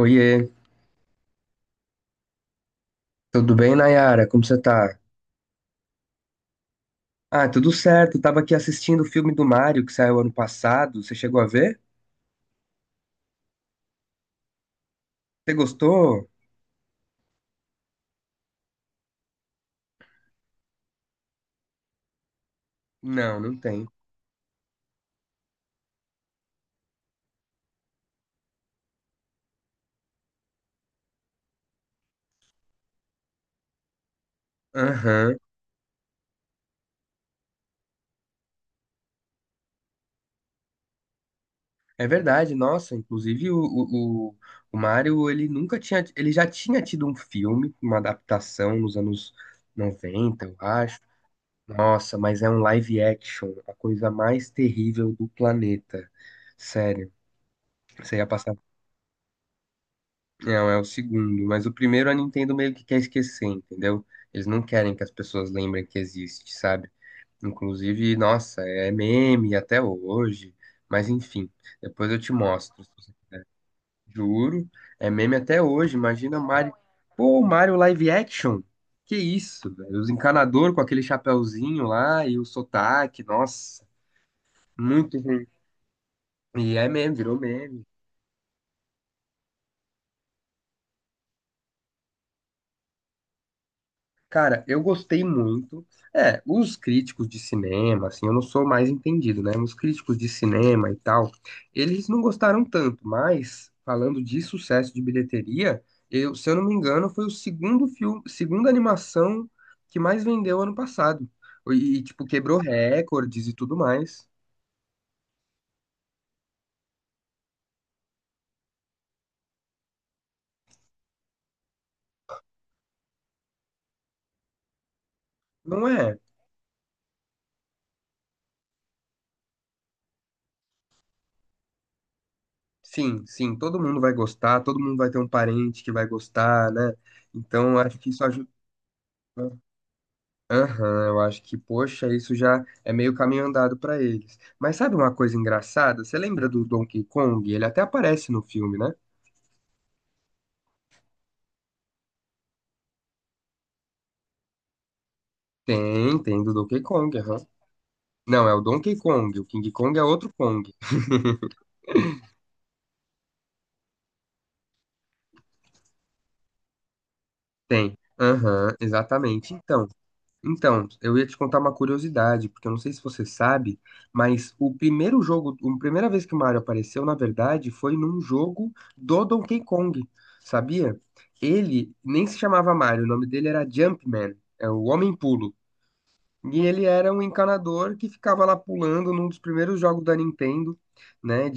Oiê, tudo bem, Nayara? Como você tá? Ah, tudo certo. Tava aqui assistindo o filme do Mario que saiu ano passado. Você chegou a ver? Você gostou? Não, não tem. Aham. É verdade, nossa. Inclusive, o Mario, ele nunca tinha. Ele já tinha tido um filme, uma adaptação nos anos 90, eu acho. Nossa, mas é um live action, a coisa mais terrível do planeta. Sério. Você ia passar. Não, é o segundo, mas o primeiro a Nintendo meio que quer esquecer, entendeu? Eles não querem que as pessoas lembrem que existe, sabe? Inclusive, nossa, é meme até hoje, mas enfim, depois eu te mostro. Juro, é meme até hoje. Imagina o Mario. Pô, o Mario live action? Que isso, velho? Os encanador com aquele chapéuzinho lá e o sotaque, nossa, muito ruim. E é meme, virou meme. Cara, eu gostei muito. É, os críticos de cinema, assim, eu não sou mais entendido, né? Os críticos de cinema e tal, eles não gostaram tanto, mas falando de sucesso de bilheteria, eu, se eu não me engano, foi o segundo filme, segunda animação que mais vendeu ano passado. E, tipo, quebrou recordes e tudo mais. Não é? Sim, sim, todo mundo vai gostar, todo mundo vai ter um parente que vai gostar, né? Então, acho que isso ajuda. Aham, eu acho que, poxa, isso já é meio caminho andado pra eles. Mas sabe uma coisa engraçada? Você lembra do Donkey Kong? Ele até aparece no filme, né? Tem, tem do Donkey Kong, aham. Não, é o Donkey Kong, o King Kong é outro Kong. Tem, aham, exatamente. Então. Então, eu ia te contar uma curiosidade, porque eu não sei se você sabe, mas o primeiro jogo, a primeira vez que o Mario apareceu, na verdade, foi num jogo do Donkey Kong, sabia? Ele nem se chamava Mario, o nome dele era Jumpman, é o Homem Pulo. E ele era um encanador que ficava lá pulando num dos primeiros jogos da Nintendo, né,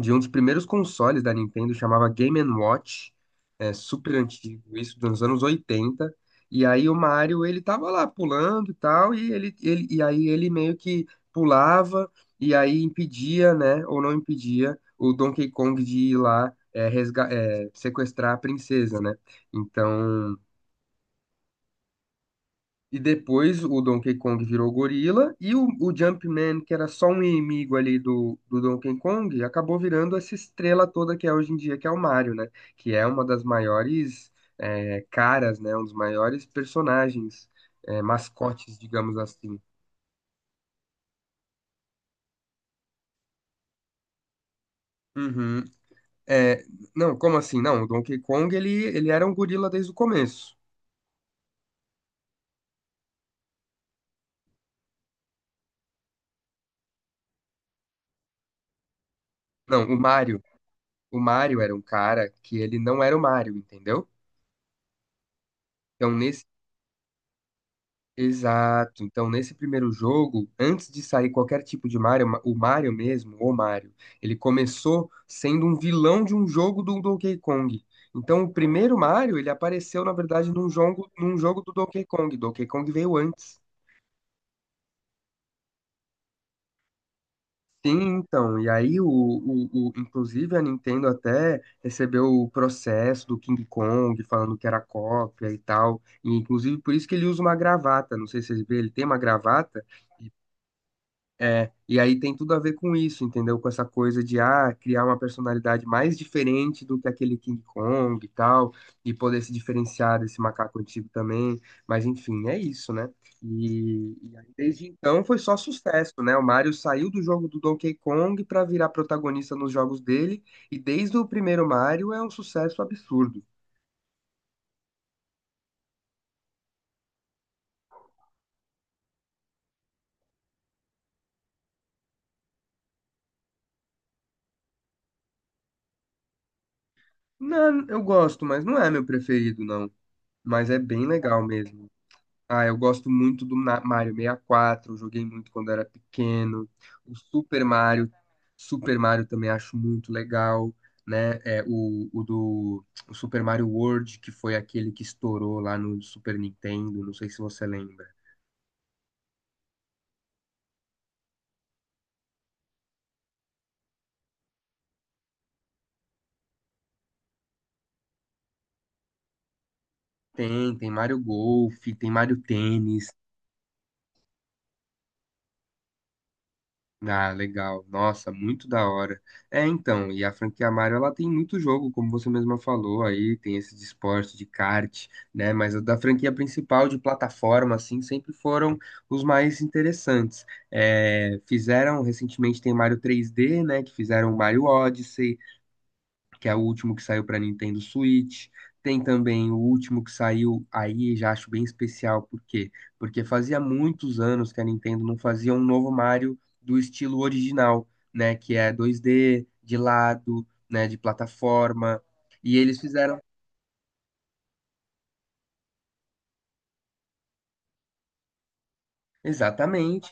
de um dos primeiros consoles da Nintendo, chamava Game Watch, é super antigo, isso dos anos 80. E aí o Mario, ele tava lá pulando e tal, e ele e aí ele meio que pulava e aí impedia, né, ou não impedia o Donkey Kong de ir lá sequestrar a princesa, né? Então, e depois o Donkey Kong virou gorila e o Jumpman, que era só um inimigo ali do Donkey Kong, acabou virando essa estrela toda que é hoje em dia, que é o Mario, né? Que é uma das maiores caras, né? Um dos maiores personagens, mascotes, digamos assim. Uhum. É, não, como assim? Não, o Donkey Kong, ele era um gorila desde o começo. Não, o Mario. O Mario era um cara que ele não era o Mario, entendeu? Então, nesse Exato. Então, nesse primeiro jogo, antes de sair qualquer tipo de Mario, o Mario mesmo, o Mario, ele começou sendo um vilão de um jogo do Donkey Kong. Então, o primeiro Mario, ele apareceu, na verdade, num jogo do Donkey Kong. Donkey Kong veio antes. Sim, então. E aí, inclusive, a Nintendo até recebeu o processo do King Kong, falando que era cópia e tal. E, inclusive, por isso que ele usa uma gravata. Não sei se vocês viram, ele tem uma gravata. É, e aí tem tudo a ver com isso, entendeu? Com essa coisa de ah, criar uma personalidade mais diferente do que aquele King Kong e tal, e poder se diferenciar desse macaco antigo também. Mas enfim, é isso, né? E, desde então foi só sucesso, né? O Mario saiu do jogo do Donkey Kong para virar protagonista nos jogos dele, e desde o primeiro Mario é um sucesso absurdo. Não, eu gosto, mas não é meu preferido, não. Mas é bem legal mesmo. Ah, eu gosto muito do Mario 64, eu joguei muito quando era pequeno. O Super Mario, Super Mario também acho muito legal, né? É, o Super Mario World, que foi aquele que estourou lá no Super Nintendo, não sei se você lembra. Tem, tem Mario Golf, tem Mario Tênis, ah, legal. Nossa, muito da hora. É, então, e a franquia Mario, ela tem muito jogo, como você mesma falou, aí tem esse de esporte, de kart, né? Mas a da franquia principal de plataforma, assim, sempre foram os mais interessantes. É, fizeram, recentemente tem Mario 3D, né? Que fizeram o Mario Odyssey, que é o último que saiu para Nintendo Switch. Tem também o último que saiu aí, já acho bem especial, por quê? Porque fazia muitos anos que a Nintendo não fazia um novo Mario do estilo original, né, que é 2D, de lado, né, de plataforma, e eles fizeram. Exatamente.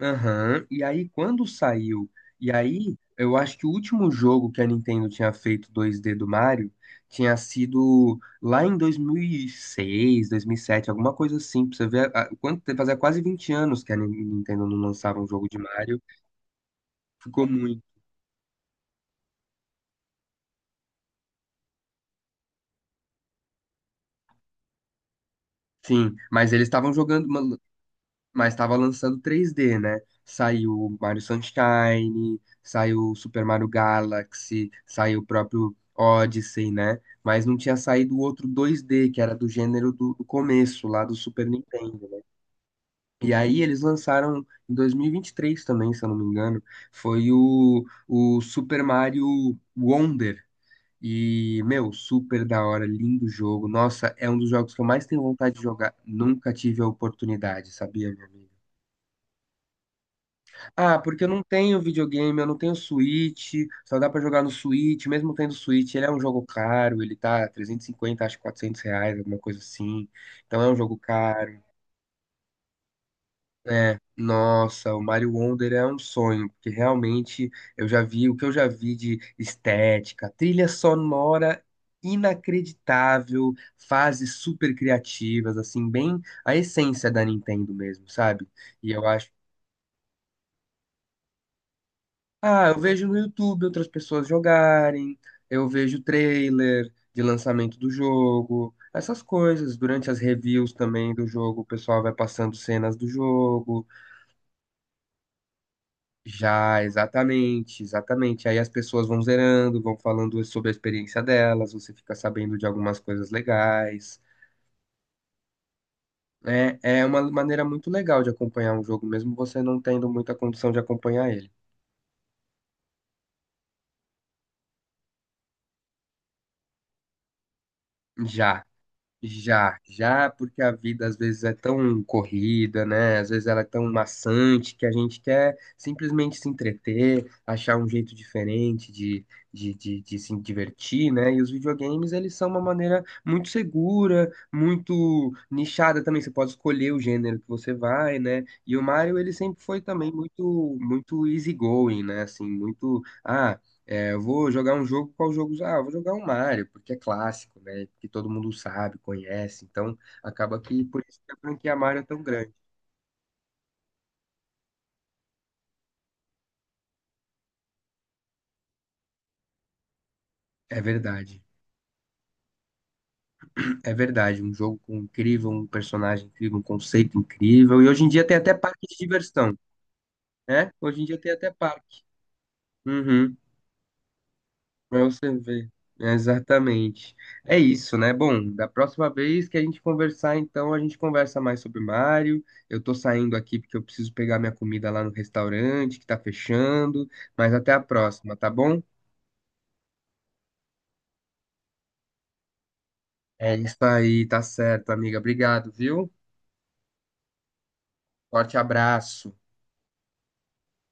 Aham. E aí, quando saiu, eu acho que o último jogo que a Nintendo tinha feito dois d do Mario tinha sido lá em 2006, 2007, alguma coisa assim, pra você ver, quanto tempo, fazia quase 20 anos que a Nintendo não lançava um jogo de Mario, ficou muito. Sim, mas eles estavam jogando, mas estava lançando 3D, né? Saiu Mario Sunshine, saiu Super Mario Galaxy, saiu o próprio Odyssey, né? Mas não tinha saído o outro 2D, que era do gênero do começo, lá do Super Nintendo, né? E aí eles lançaram em 2023 também, se eu não me engano, foi o Super Mario Wonder. E, meu, super da hora, lindo jogo. Nossa, é um dos jogos que eu mais tenho vontade de jogar. Nunca tive a oportunidade, sabia, meu amigo? Ah, porque eu não tenho videogame, eu não tenho Switch, só dá pra jogar no Switch, mesmo tendo Switch, ele é um jogo caro, ele tá 350, acho R$ 400, alguma coisa assim, então é um jogo caro, né? Nossa, o Mario Wonder é um sonho, porque realmente eu já vi o que eu já vi de estética, trilha sonora inacreditável, fases super criativas, assim, bem a essência da Nintendo mesmo, sabe? E eu acho. Ah, eu vejo no YouTube outras pessoas jogarem, eu vejo trailer de lançamento do jogo, essas coisas. Durante as reviews também do jogo, o pessoal vai passando cenas do jogo. Já, exatamente, exatamente. Aí as pessoas vão zerando, vão falando sobre a experiência delas, você fica sabendo de algumas coisas legais. É, é uma maneira muito legal de acompanhar um jogo, mesmo você não tendo muita condição de acompanhar ele. Já. Já, já, porque a vida às vezes é tão corrida, né? Às vezes ela é tão maçante que a gente quer simplesmente se entreter, achar um jeito diferente de se divertir, né? E os videogames, eles são uma maneira muito segura, muito nichada também. Você pode escolher o gênero que você vai, né? E o Mario, ele sempre foi também muito easygoing, né? Assim, muito. Ah, é, eu vou jogar um jogo, qual jogo? Usar? Ah, eu vou jogar um Mario, porque é clássico, né? Que todo mundo sabe, conhece. Então, acaba que por isso que a franquia Mario é tão grande. É verdade, é verdade. Um jogo com incrível, um personagem incrível, um conceito incrível. E hoje em dia tem até parque de diversão, né? Hoje em dia tem até parque. Uhum. Pra você ver. Exatamente. É isso, né? Bom, da próxima vez que a gente conversar, então, a gente conversa mais sobre Mario. Eu tô saindo aqui porque eu preciso pegar minha comida lá no restaurante, que tá fechando. Mas até a próxima, tá bom? É isso aí, tá certo, amiga. Obrigado, viu? Forte abraço.